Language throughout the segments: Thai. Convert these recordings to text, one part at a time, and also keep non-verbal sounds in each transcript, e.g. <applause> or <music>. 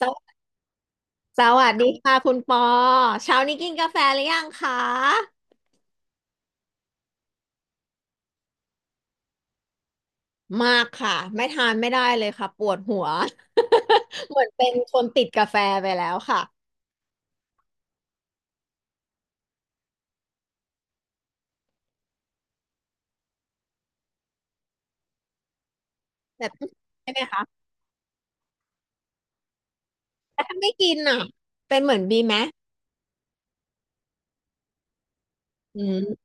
สวสวัสดีค่ะคุณปอเช้านี้กินกาแฟหรือยังคะมากค่ะไม่ทานไม่ได้เลยค่ะปวดหัว <laughs> เหมือนเป็นคนติดกาแฟไปแล้วค่ะแบบใช่ไหมคะแต่ถ้าไม่กินอ่ะเป็นเหมือนบีไหมอืม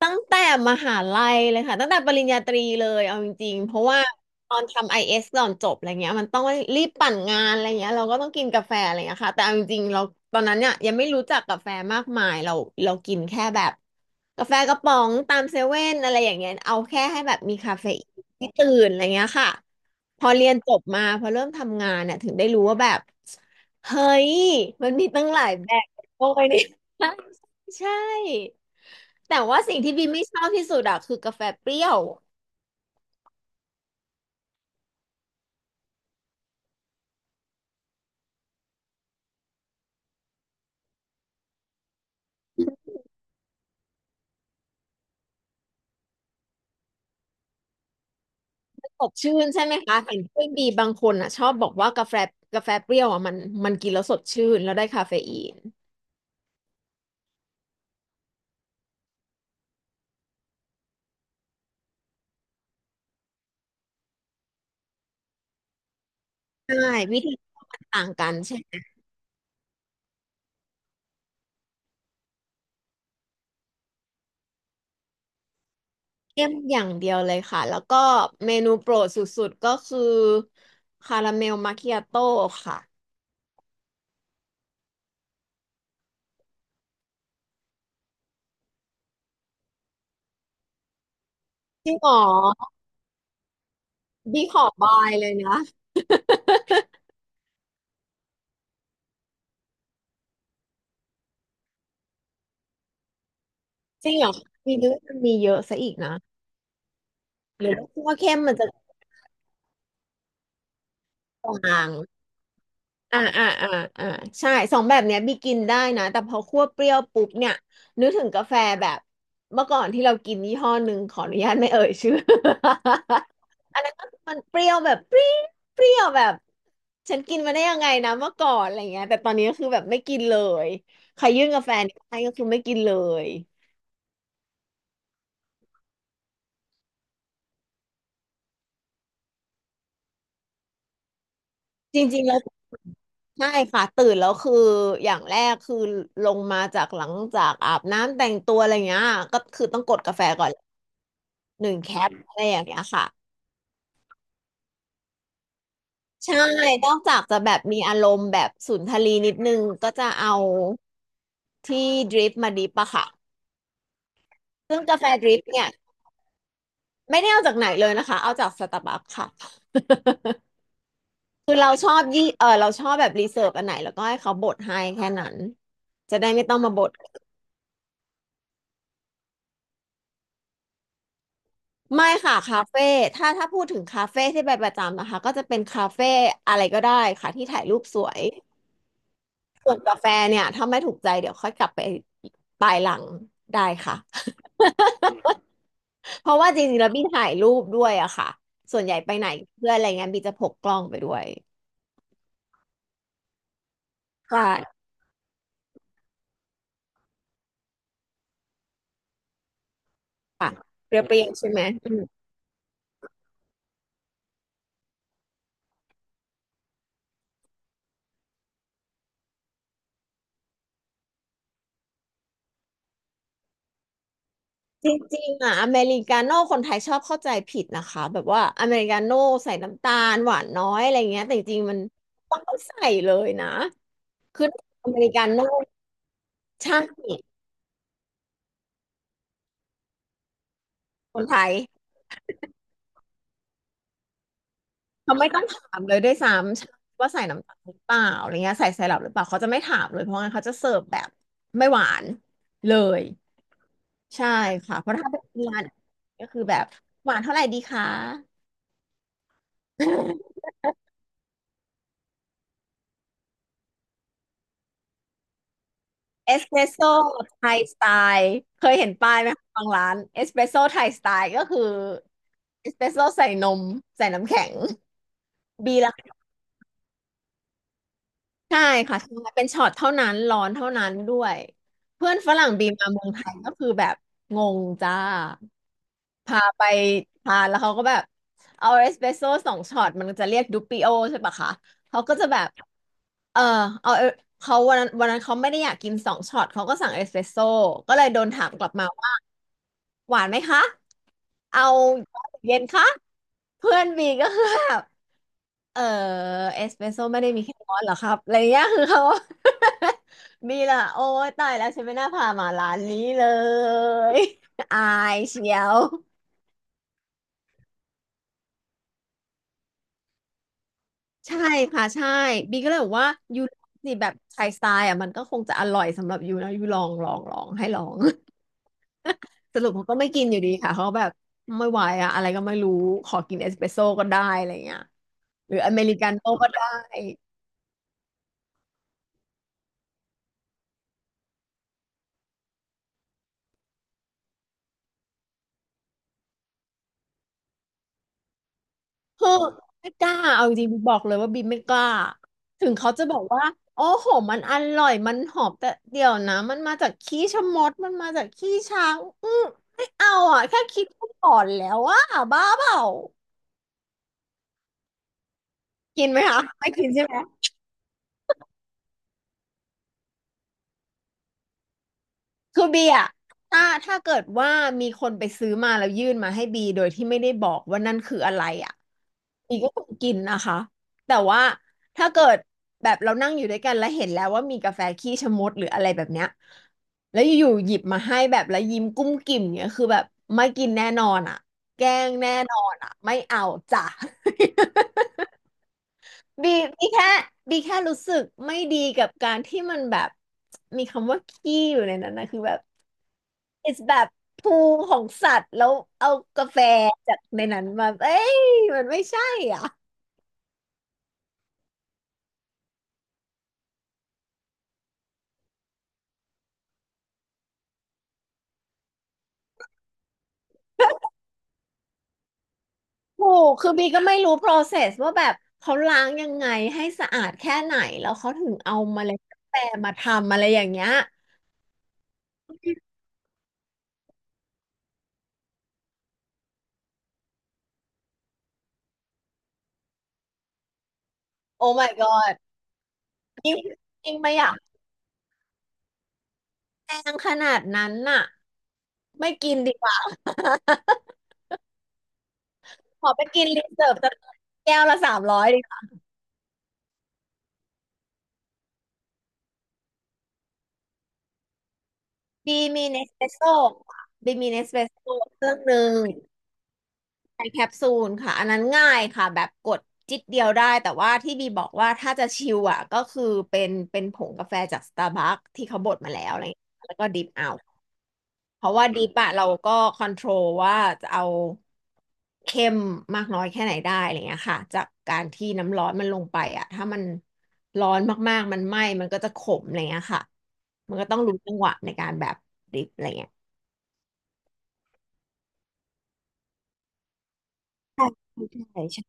ตั้งแต่มหาลัยเลยค่ะตั้งแต่ปริญญาตรีเลยเอาจริงๆเพราะว่าตอนทำไอเอสก่อนจบอะไรเงี้ยมันต้องรีบปั่นงานอะไรเงี้ยเราก็ต้องกินกาแฟอะไรเงี้ยค่ะแต่เอาจริงๆเราตอนนั้นเนี่ยยังไม่รู้จักกาแฟมากมายเรากินแค่แบบกาแฟกระป๋องตามเซเว่นอะไรอย่างเงี้ยเอาแค่ให้แบบมีคาเฟอีนที่ตื่นอะไรเงี้ยค่ะพอเรียนจบมาพอเริ่มทำงานเนี่ยถึงได้รู้ว่าแบบเฮ้ยมันมีตั้งหลายแบบโอ้ย <laughs> นี่ <laughs> ใช่ใช่ แต่ว่าสิ่งที่บีไม่ชอบที่สุดอะคือกาแฟเปรี้ยวสดชื่นใช่ไหมคะเห็นเพื่อนบีบางคนอะชอบบอกว่ากาแฟเปรี้ยวอะมันกินแล้วสดชื่นแล้วได้คาเฟอีนใช่วิธีมันต่างกันใช่ไหมเข้มอย่างเดียวเลยค่ะแล้วก็เมนูโปรดสุดๆก็คือคาราเมลมาคิอาโต้ค่ะจริงเหรอบีขอบายเลยนะ <laughs> จริงเหรอมีเยอะมีเยอะซะอีกนะหรือว่า่เข้มมันจะกลาง อ่าอ่าอ่าอ่าใช่สองแบบเนี้ยบีกินได้นะแต่พอคั่วเปรี้ยวปุ๊บเนี่ยนึกถึงกาแฟแบบเมื่อก่อนที่เรากินยี่ห้อหนึ่งขออนุญาตไม่เอ่ยชื่อ <laughs> อันนั้นก็มันเปรี้ยวแบบปรี้เปรี้ยวแบบฉันกินมาได้ยังไงนะเมื่อก่อนอะไรเงี้ยแต่ตอนนี้ก็คือแบบไม่กินเลยใครยื่นกาแฟนี่ให้ก็คือไม่กินเลยจริงๆแล้วใช่ค่ะตื่นแล้วคืออย่างแรกคือลงมาจากหลังจากอาบน้ำแต่งตัวอะไรเงี้ยก็คือต้องกดกาแฟก่อน หนึ่งแคปอะไรอย่างเงี้ยค่ะใช่นอกจากจะแบบมีอารมณ์แบบสุนทรีนิดนึงก็จะเอาที่ดริปมาดริปอะค่ะซึ่งกาแฟดริปเนี่ยไม่ได้เอาจากไหนเลยนะคะเอาจากสตาร์บัคค่ะ <laughs> คือเราชอบยี่เออเราชอบแบบรีเสิร์ชอันไหนแล้วก็ให้เขาบดให้แค่นั้นจะได้ไม่ต้องมาบดไม่ค่ะคาเฟ่ถ้าพูดถึงคาเฟ่ที่ไปประจำนะคะก็จะเป็นคาเฟ่อะไรก็ได้ค่ะที่ถ่ายรูปสวย ส่วนกาแฟเนี่ยถ้าไม่ถูกใจเดี๋ยวค่อยกลับไปปลายหลังได้ค่ะเพราะว่าจริงๆแล้วบี้ถ่ายรูปด้วยอะค่ะส่วนใหญ่ไปไหนเพื่อนอะไรเงี้ยบี้จะพกกล้องไปด้วยใช่ค่ะเปรี้ยวๆใช่ไหมอืมจริงๆอะอเมริกาโน่คนไทยชอบเข้าใจผิดนะคะแบบว่าอเมริกาโน่ใส่น้ำตาลหวานน้อยอะไรเงี้ยแต่จริงๆมันต้องใส่เลยนะอเมริกาโน่ใช่คนไทย เขาไม่ต้องถามเลยด้วยซ้ำว่าใส่น้ำตาลหรือเปล่าอะไรเงี้ยใส่ไซรัปหรือเปล่าเขาจะไม่ถามเลยเพราะงั้นเขาจะเสิร์ฟแบบไม่หวานเลยใช่ค่ะเพราะถ้าเป็นร้านก็คือแบบหวานเท่าไหร่ดีคะเอสเปรสโซ่ไทยสไตล์เคยเห็นป้ายไหมคะบางร้านเอสเปรสโซ่ไทยสไตล์ก็คือเอสเปรสโซ่ใส่นมใส่น้ำแข็งบีรา ใช่ค่ะใช่เป็นช็อตเท่านั้นร้อนเท่านั้นด้วยเพื่อนฝรั่งบีมมาเมืองไทยก็คือแบบงงจ้าพาไปทานแล้วเขาก็แบบเอาเอสเปรสโซ่สองช็อตมันจะเรียกดูปิโอใช่ปะคะเขาก็จะแบบเออเอาเอเขาวันนั้นเขาไม่ได้อยากกินสองช็อตเขาก็สั่งเอสเปรสโซ่ก็เลยโดนถามกลับมาว่าหวานไหมคะเอาเย็นคะเพื่อนบีก็คือแบบ เออเอสเปรสโซ่ไม่ได้มีแค่ร้อนเหรอครับอะไรเงี้ย <laughs> คือเขา <laughs> มีละโอ้ยตายแล้วฉันไม่น่าพามาร้านนี้เลย <laughs> อายเชียวใช่ค่ะใช่บีก็เลยบอกว่ายูลองสิแบบไทยสไตล์อ่ะมันก็คงจะอร่อยสำหรับยูนะยูลองลองลองให้ลอง <laughs> สรุปเขาก็ไม่กินอยู่ดีค่ะเขาแบบไม่ไหวอะอะไรก็ไม่รู้ขอกินเอสเปรสโซ่ก็ได้อะไรเงี้ยหรืออเมริกาโน่ก็ได้ เฮ้อไม่กล้าเอาจริงๆบอกเลยว่าบีมไม่กล้าถึงเขาจะบอกว่าโอ้โหมันอร่อยมันหอมแต่เดี๋ยวนะมันมาจากขี้ชะมดมันมาจากขี้ช้างอืมไม่เอาอ่ะแค่คิดก็หลอนแล้วอ่ะบ้าเปล่ากินไหมคะไม่กินใช่ไหม คือบีอะถ้าเกิดว่ามีคนไปซื้อมาแล้วยื่นมาให้บีโดยที่ไม่ได้บอกว่านั่นคืออะไรอะบีก็คงกินนะคะแต่ว่าถ้าเกิดแบบเรานั่งอยู่ด้วยกันแล้วเห็นแล้วว่ามีกาแฟขี้ชะมดหรืออะไรแบบเนี้ยแล้วอยู่ๆหยิบมาให้แบบแล้วยิ้มกุ้มกิ่มเนี้ยคือแบบไม่กินแน่นอนอะแกล้งแน่นอนอะไม่เอาจ้ะ <laughs> บีบีแค่บีแค่รู้สึกไม่ดีกับการที่มันแบบมีคำว่าขี้อยู่ในนั้นนะคือแบบ it's แบบภูของสัตว์แล้วเอากาแฟจากในนั้นมาเอ้ยมันไม่ใช่อ่ะถูกคือบีก็ไม่รู้ process ว่าแบบเขาล้างยังไงให้สะอาดแค่ไหนแล้วเขาถึงเอาเมล็ดกาแฟมาทำอะไรอย่างเงี้ยโอ้ my god ยิ่งยิ่งไม่อยากแพงขนาดนั้นน่ะไม่กินดีกว่า <laughs> ขอไปกินรีเสิร์ฟสักแก้วละ300ดีกว่าบีมีเนสเปรสโซ่บีมีเนสเปรสโซ่เครื่องหนึ่ง ในแคปซูลค่ะอันนั้นง่ายค่ะแบบกดจิ๊ดเดียวได้แต่ว่าที่บีบอกว่าถ้าจะชิลอ่ะก็คือเป็นผงกาแฟจากสตาร์บัคที่เขาบดมาแล้วอะไรอย่างเงี้ยแล้วก็ดริปเอาเพราะว่าดริปอะเราก็คอนโทรลว่าจะเอาเข้มมากน้อยแค่ไหนได้อะไรเงี้ยค่ะจากการที่น้ำร้อนมันลงไปอะถ้ามันร้อนมากๆมันไหม้มันก็จะขมอะไรเงี้ยค่ะมันก็ต้องรู้จังหวะในการแบบดริปอะไรเงี้ยใช่ใช่ใช่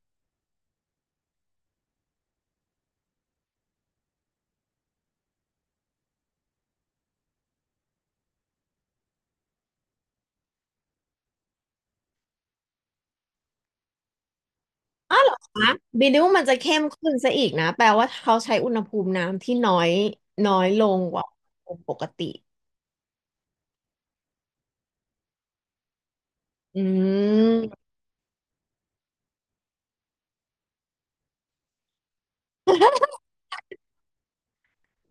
อ้าวเหรอคะบีดิวมันจะเข้มขึ้นซะอีกนะแปลว่าเขาใช้อุณหภูมิน้ำที่น้อยน้อยลงกว่าอุณหภูมิปกติอืม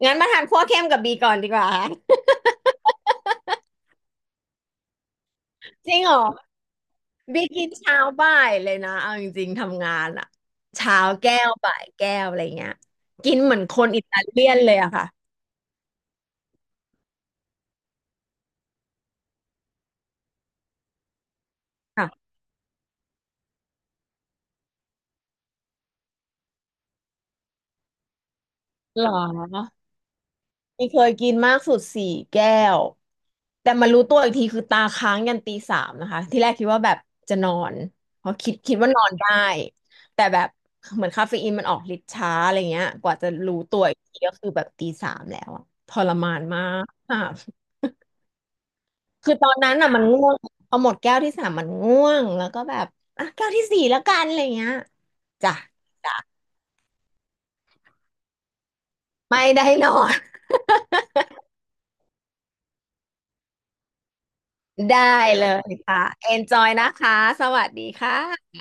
งั้นมาทานคั่วเข้มกับบีก่อนดีกว่า <laughs> จริงเหรอบีกินเช้าบ่ายเลยนะเอาจริงๆทำงานอะเช้าแก้วบ่ายแก้วอะไรเงี้ยกินเหมือนคนอิตาเลียนเลยอะค่ะค่ะหรอ นี่เคยกินมากสุด4แก้วแต่มารู้ตัวอีกทีคือตาค้างยันตีสามนะคะที่แรกคิดว่าแบบจะนอนเพราะคิดว่านอนได้แต่แบบเหมือนคาเฟอีนมันออกฤทธิ์ช้าอะไรเงี้ยกว่าจะรู้ตัวอีกทีก็คือแบบตีสามแล้วอะทรมานมากค่ะคือตอนนั้นอ่ะมันง่วงพอหมดแก้วที่ 3มันง่วงแล้วก็แบบอ่ะแก้วที่ 4แล้วกันอะไรเงี้ยจ้ะไม่ได้นอน <laughs> ได้เลยค่ะ enjoy นจอยนะคะสวัสดีค่ะ